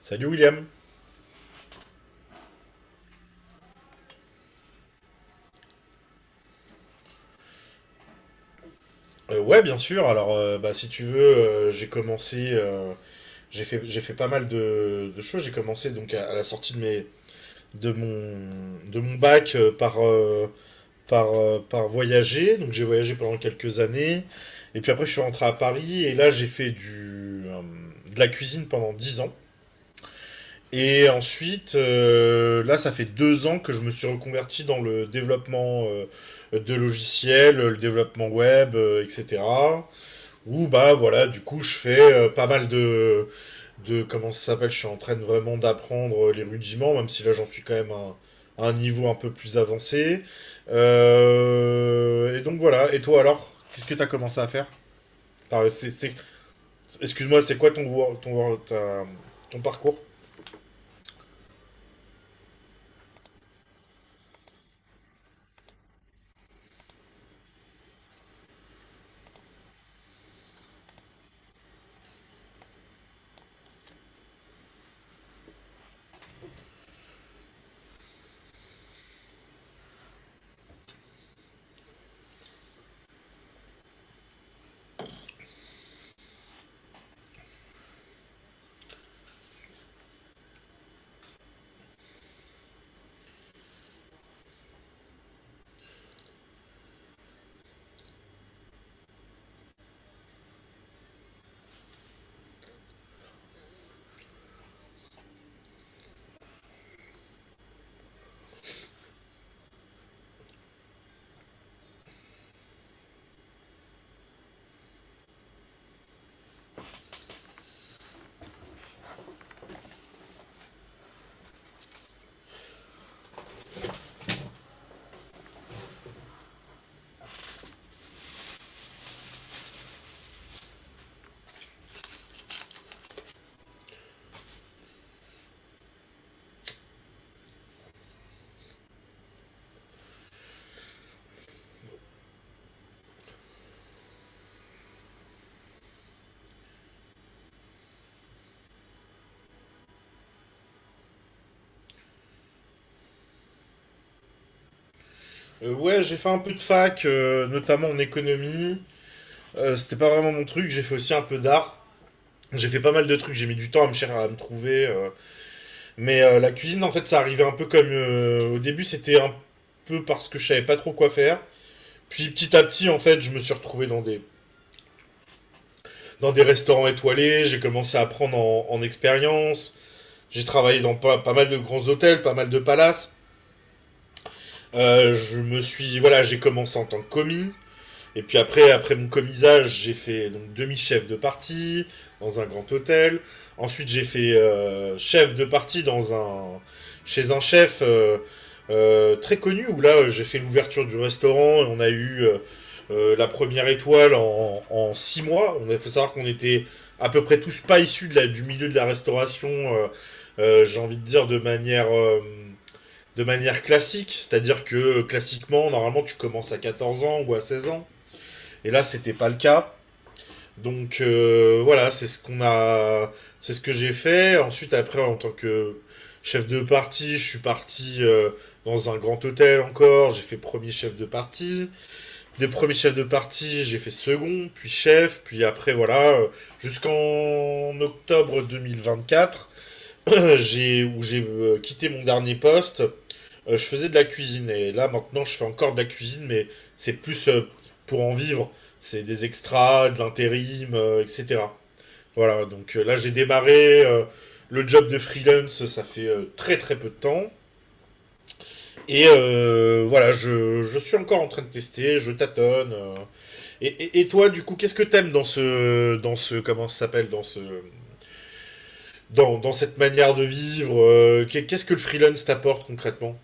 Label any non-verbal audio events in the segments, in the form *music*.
Salut William. Ouais, bien sûr. Alors, si tu veux, j'ai commencé, j'ai fait pas mal de choses. J'ai commencé donc à la sortie de mon, de mon bac par voyager. Donc, j'ai voyagé pendant quelques années. Et puis après, je suis rentré à Paris et là, j'ai fait de la cuisine pendant 10 ans. Et ensuite, là, ça fait 2 ans que je me suis reconverti dans le développement de logiciels, le développement web, etc. Où bah voilà, du coup je fais pas mal de comment ça s'appelle, je suis en train de vraiment d'apprendre les rudiments, même si là j'en suis quand même à un niveau un peu plus avancé. Et donc voilà, et toi alors, qu'est-ce que t'as commencé à faire? Enfin, excuse-moi, c'est quoi ton parcours? Ouais, j'ai fait un peu de fac, notamment en économie. C'était pas vraiment mon truc, j'ai fait aussi un peu d'art. J'ai fait pas mal de trucs, j'ai mis du temps à me trouver. Mais la cuisine, en fait, ça arrivait un peu comme au début, c'était un peu parce que je savais pas trop quoi faire. Puis petit à petit, en fait, je me suis retrouvé dans des restaurants étoilés, j'ai commencé à prendre en expérience, j'ai travaillé dans pas mal de grands hôtels, pas mal de palaces. Voilà, j'ai commencé en tant que commis. Et puis après, après mon commisage, j'ai fait donc demi-chef de parti dans un grand hôtel. Ensuite, j'ai fait chef de parti dans un chez un chef très connu où là, j'ai fait l'ouverture du restaurant et on a eu la première étoile en 6 mois. On a faut savoir qu'on était à peu près tous pas issus de du milieu de la restauration. euh, j'ai envie de dire de manière classique, c'est-à-dire que classiquement, normalement, tu commences à 14 ans ou à 16 ans. Et là, c'était pas le cas. Donc voilà, c'est ce que j'ai fait. Ensuite, après, en tant que chef de parti, je suis parti dans un grand hôtel encore. J'ai fait premier chef de parti. Des premiers chefs de parti, j'ai fait second, puis chef, puis après voilà, jusqu'en octobre 2024, *clears throat* *coughs* j'ai quitté mon dernier poste. Je faisais de la cuisine et là maintenant je fais encore de la cuisine, mais c'est plus pour en vivre. C'est des extras, de l'intérim, etc. Voilà, donc là j'ai démarré le job de freelance, ça fait très très peu de temps. Et voilà, je suis encore en train de tester, je tâtonne. Et, et toi, du coup, qu'est-ce que t'aimes comment ça s'appelle, dans cette manière de vivre, qu'est- Qu'est-ce que le freelance t'apporte concrètement?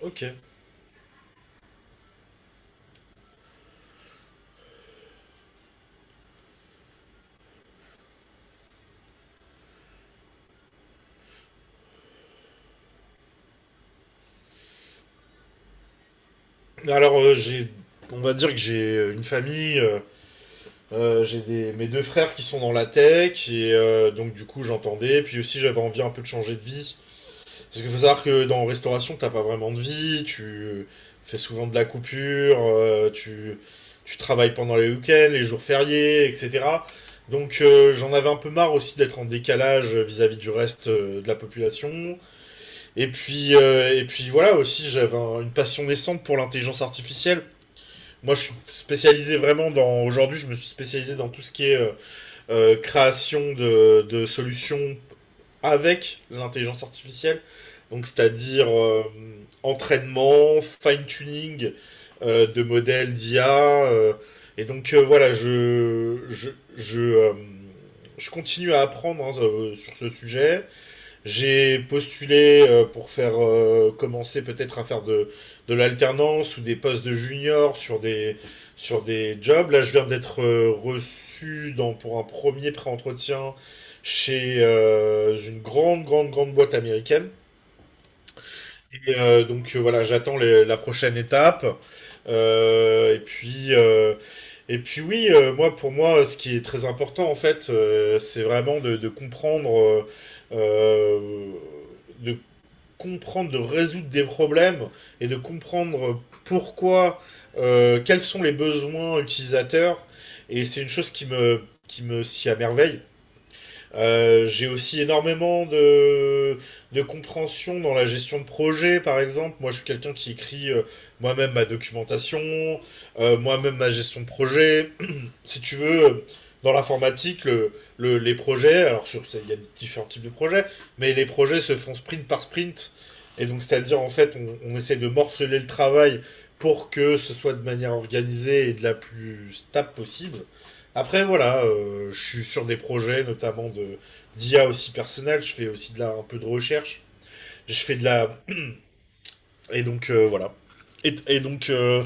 Ok. Alors, on va dire que j'ai une famille, mes deux frères qui sont dans la tech, et donc du coup j'entendais, puis aussi j'avais envie un peu de changer de vie. Parce qu'il faut savoir que dans restauration, t'as pas vraiment de vie, tu fais souvent de la coupure, tu travailles pendant les week-ends, les jours fériés, etc. Donc j'en avais un peu marre aussi d'être en décalage vis-à-vis du reste de la population. Et puis, voilà, aussi j'avais une passion naissante pour l'intelligence artificielle. Moi, je suis spécialisé vraiment dans. Aujourd'hui, je me suis spécialisé dans tout ce qui est création de solutions avec l'intelligence artificielle. Donc, c'est-à-dire entraînement, fine-tuning de modèles d'IA. Et donc voilà, je, euh, je continue à apprendre hein, sur ce sujet. J'ai postulé pour faire commencer peut-être à faire de l'alternance ou des postes de junior sur des jobs. Là, je viens d'être reçu dans, pour un premier pré-entretien chez une grande boîte américaine. Et donc voilà, j'attends la prochaine étape. Euh, et puis, euh, et puis oui, moi pour moi, ce qui est très important en fait, c'est vraiment de comprendre, euh, euh, de comprendre, de résoudre des problèmes et de comprendre pourquoi, quels sont les besoins utilisateurs. Et c'est une chose qui me s'y à merveille. J'ai aussi énormément de compréhension dans la gestion de projet, par exemple. Moi, je suis quelqu'un qui écrit moi-même ma documentation, moi-même ma gestion de projet si tu veux, dans l'informatique, les projets, alors sur, il y a différents types de projets, mais les projets se font sprint par sprint. Et donc, c'est-à-dire, en fait, on essaie de morceler le travail pour que ce soit de manière organisée et de la plus stable possible. Après, voilà, je suis sur des projets, notamment de d'IA aussi personnel. Je fais aussi un peu de recherche. Je fais de la. Et donc voilà. Et donc,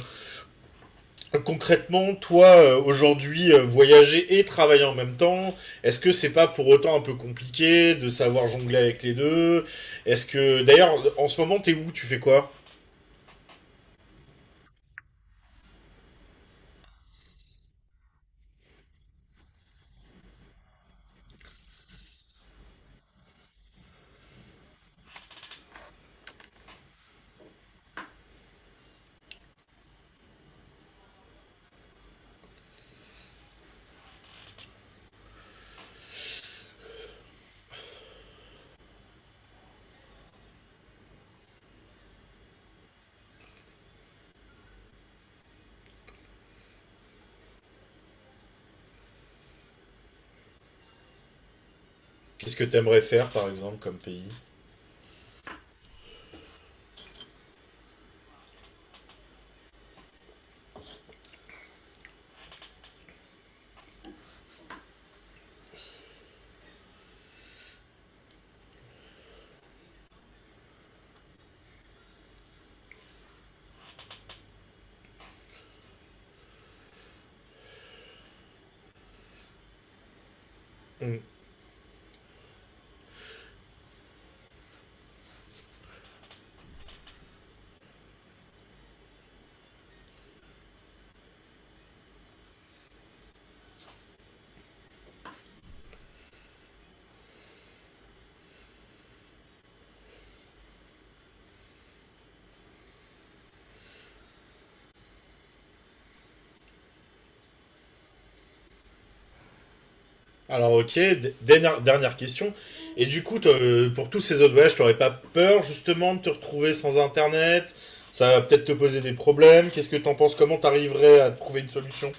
concrètement, toi, aujourd'hui, voyager et travailler en même temps, est-ce que c'est pas pour autant un peu compliqué de savoir jongler avec les deux? Est-ce que, d'ailleurs, en ce moment, t'es où? Tu fais quoi? Qu'est-ce que t'aimerais faire, par exemple, comme pays? Hmm. Alors, ok, dernière, dernière question. Et du coup, toi, pour tous ces autres voyages, t'aurais pas peur, justement, de te retrouver sans Internet? Ça va peut-être te poser des problèmes. Qu'est-ce que t'en penses? Comment t'arriverais à trouver une solution?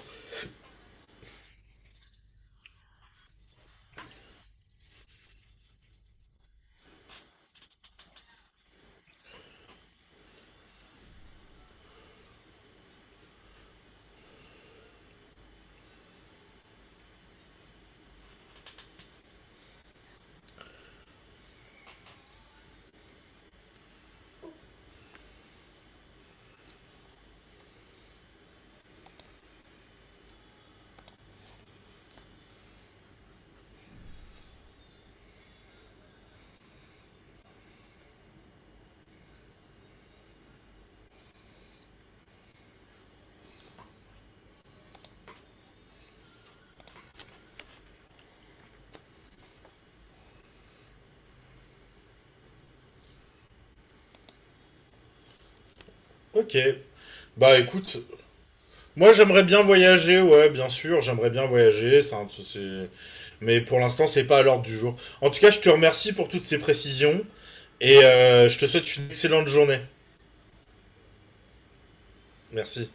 Ok. Bah écoute, moi, j'aimerais bien voyager, ouais, bien sûr, j'aimerais bien voyager, mais pour l'instant, c'est pas à l'ordre du jour. En tout cas, je te remercie pour toutes ces précisions et je te souhaite une excellente journée. Merci.